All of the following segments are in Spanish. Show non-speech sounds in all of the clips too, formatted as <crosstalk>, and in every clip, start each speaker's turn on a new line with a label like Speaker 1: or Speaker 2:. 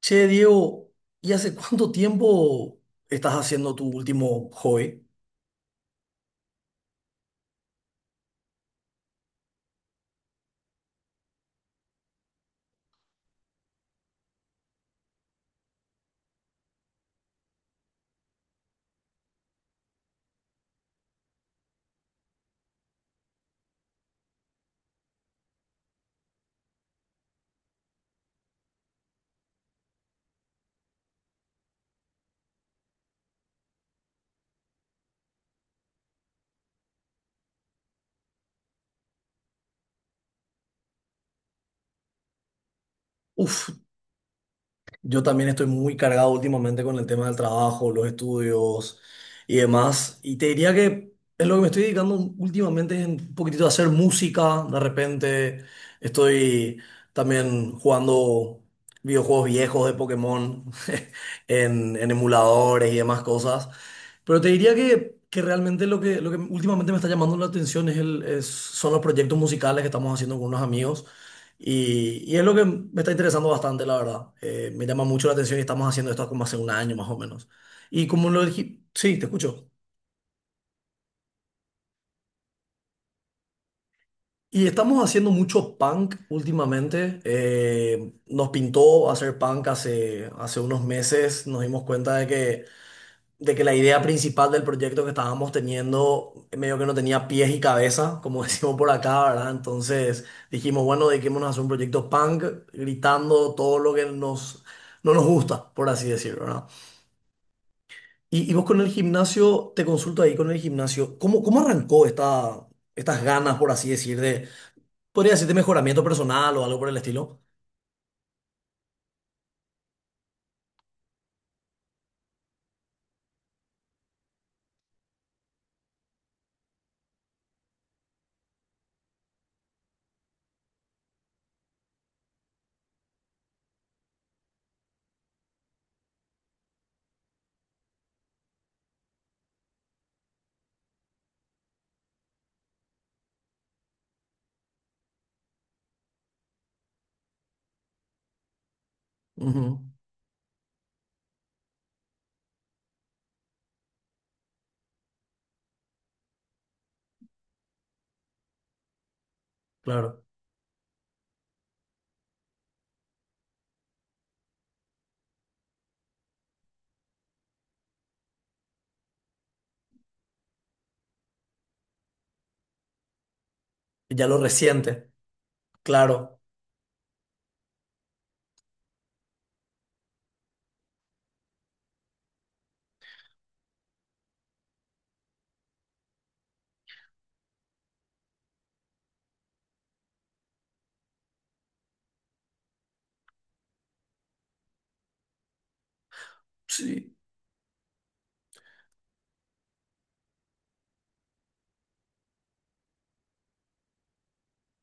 Speaker 1: Che, Diego, ¿y hace cuánto tiempo estás haciendo tu último hobby? Uf, yo también estoy muy cargado últimamente con el tema del trabajo, los estudios y demás. Y te diría que en lo que me estoy dedicando últimamente es un poquitito a hacer música. De repente estoy también jugando videojuegos viejos de Pokémon <laughs> en emuladores y demás cosas. Pero te diría que realmente lo que últimamente me está llamando la atención es son los proyectos musicales que estamos haciendo con unos amigos. Y es lo que me está interesando bastante, la verdad. Me llama mucho la atención y estamos haciendo esto como hace un año más o menos. Y como lo dije, sí, te escucho. Y estamos haciendo mucho punk últimamente. Nos pintó hacer punk hace unos meses. Nos dimos cuenta de que la idea principal del proyecto que estábamos teniendo medio que no tenía pies y cabeza, como <laughs> decimos por acá, ¿verdad? Entonces dijimos, bueno, dediquémonos a hacer un proyecto punk, gritando todo lo que no nos gusta, por así decirlo, ¿verdad? Y vos con el gimnasio, te consulto ahí con el gimnasio, ¿cómo arrancó esta, estas ganas, por así decir, de, podría decirte mejoramiento personal o algo por el estilo? Ujú, claro, ya lo reciente, claro. Sí.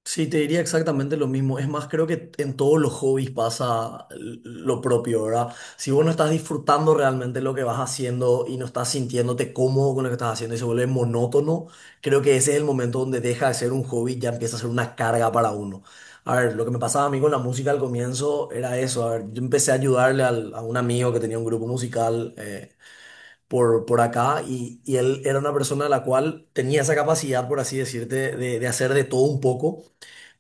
Speaker 1: Sí, te diría exactamente lo mismo. Es más, creo que en todos los hobbies pasa lo propio, ¿verdad? Si vos no estás disfrutando realmente lo que vas haciendo y no estás sintiéndote cómodo con lo que estás haciendo y se vuelve monótono, creo que ese es el momento donde deja de ser un hobby y ya empieza a ser una carga para uno. A ver, lo que me pasaba a mí con la música al comienzo era eso. A ver, yo empecé a ayudarle a un amigo que tenía un grupo musical. Por acá y él era una persona a la cual tenía esa capacidad, por así decirte, de hacer de todo un poco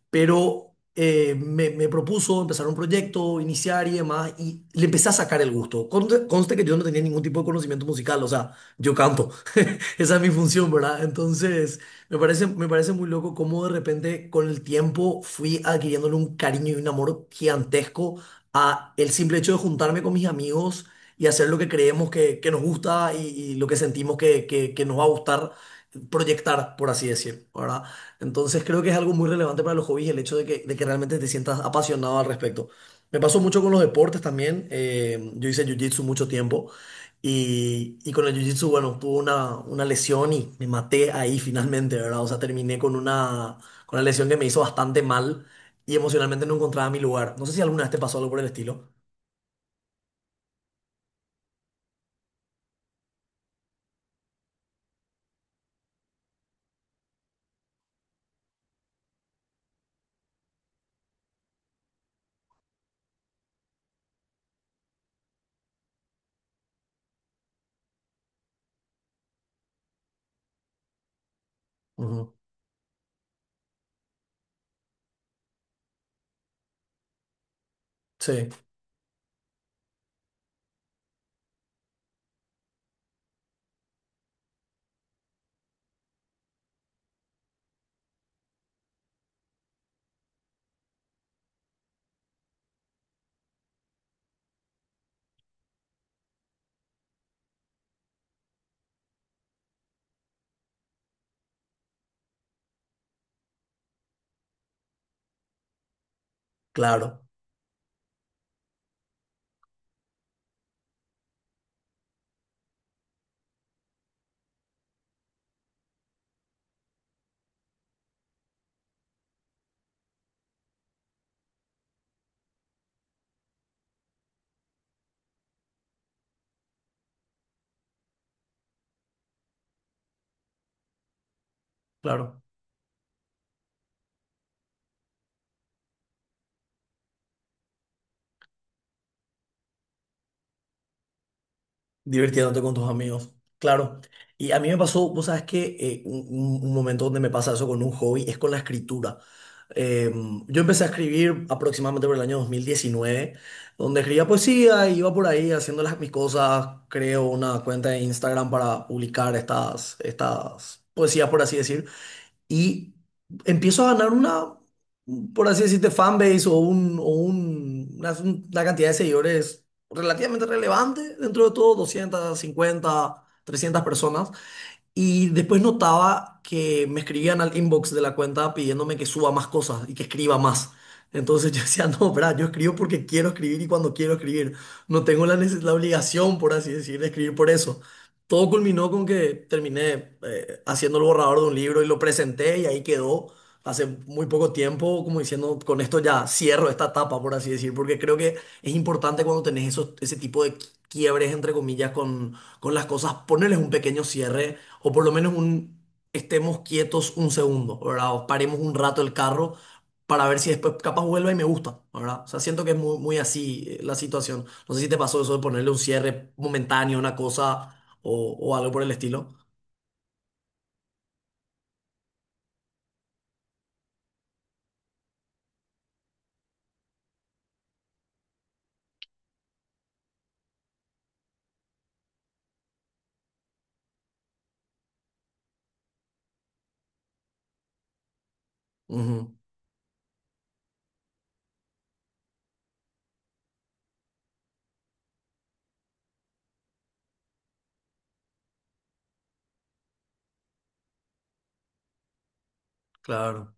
Speaker 1: pero me propuso empezar un proyecto, iniciar y demás, y le empecé a sacar el gusto. Conste que yo no tenía ningún tipo de conocimiento musical, o sea, yo canto, esa es mi función, ¿verdad? Entonces, me parece muy loco cómo de repente con el tiempo fui adquiriéndole un cariño y un amor gigantesco a el simple hecho de juntarme con mis amigos y hacer lo que creemos que nos gusta y lo que sentimos que nos va a gustar proyectar, por así decir, ¿verdad? Entonces, creo que es algo muy relevante para los hobbies el hecho de de que realmente te sientas apasionado al respecto. Me pasó mucho con los deportes también. Yo hice jiu-jitsu mucho tiempo. Y con el jiu-jitsu, bueno, tuve una lesión y me maté ahí finalmente, ¿verdad? O sea, terminé con una lesión que me hizo bastante mal y emocionalmente no encontraba mi lugar. No sé si alguna vez te pasó algo por el estilo. Ujú. Sí, claro, claro. Divirtiéndote con tus amigos, claro. Y a mí me pasó, vos sabes que un momento donde me pasa eso con un hobby es con la escritura. Eh, yo empecé a escribir aproximadamente por el año 2019, donde escribía poesía, iba por ahí haciendo mis cosas, creo una cuenta de Instagram para publicar estas poesías, por así decir y empiezo a ganar por así decirte, fanbase o una cantidad de seguidores relativamente relevante, dentro de todo, 250, 300 personas. Y después notaba que me escribían al inbox de la cuenta pidiéndome que suba más cosas y que escriba más. Entonces <laughs> yo decía, no, bra, yo escribo porque quiero escribir y cuando quiero escribir. No tengo la obligación, por así decir, de escribir por eso. Todo culminó con que terminé haciendo el borrador de un libro y lo presenté y ahí quedó hace muy poco tiempo, como diciendo, con esto ya cierro esta etapa, por así decir, porque creo que es importante cuando tenés ese tipo de quiebres, entre comillas, con las cosas, ponerles un pequeño cierre o por lo menos un estemos quietos un segundo, ¿verdad? O paremos un rato el carro para ver si después capaz vuelve y me gusta, ¿verdad? O sea, siento que es muy así la situación. No sé si te pasó eso de ponerle un cierre momentáneo a una cosa o algo por el estilo. Ujú, claro.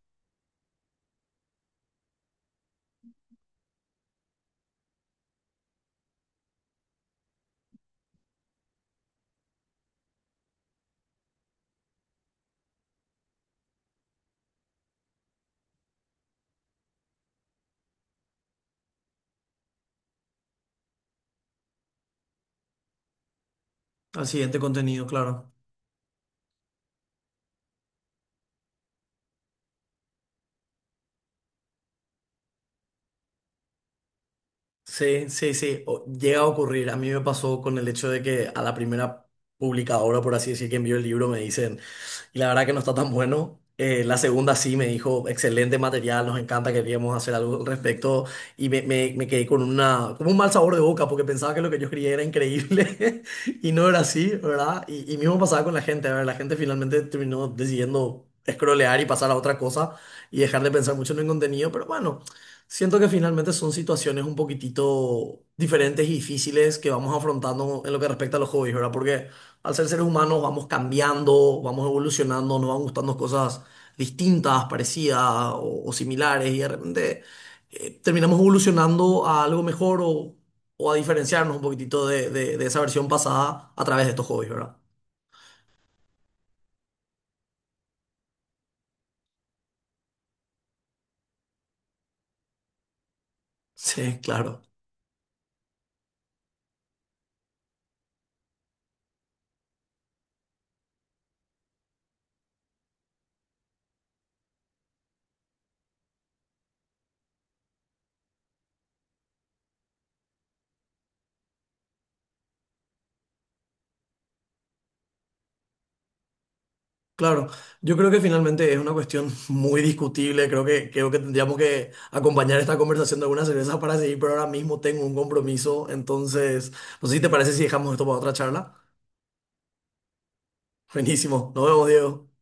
Speaker 1: Al siguiente contenido, claro. Sí, sí, sí, llega a ocurrir. A mí me pasó con el hecho de que a la primera publicadora, por así decir, que envió el libro, me dicen, y la verdad que no está tan bueno. La segunda sí me dijo, excelente material, nos encanta, queríamos hacer algo al respecto, y me quedé con una, como un mal sabor de boca, porque pensaba que lo que yo escribía era increíble, <laughs> y no era así, ¿verdad? Y mismo pasaba con la gente, a ver, la gente finalmente terminó decidiendo scrollear y pasar a otra cosa, y dejar de pensar mucho en el contenido, pero bueno. Siento que finalmente son situaciones un poquitito diferentes y difíciles que vamos afrontando en lo que respecta a los hobbies, ¿verdad? Porque al ser seres humanos vamos cambiando, vamos evolucionando, nos van gustando cosas distintas, parecidas o similares y de repente terminamos evolucionando a algo mejor o a diferenciarnos un poquitito de, de esa versión pasada a través de estos hobbies, ¿verdad? <laughs> Sí, claro. Claro, yo creo que finalmente es una cuestión muy discutible. Creo creo que tendríamos que acompañar esta conversación de algunas cervezas para seguir, pero ahora mismo tengo un compromiso. Entonces, no sé si te parece si dejamos esto para otra charla. Buenísimo, nos vemos, Diego.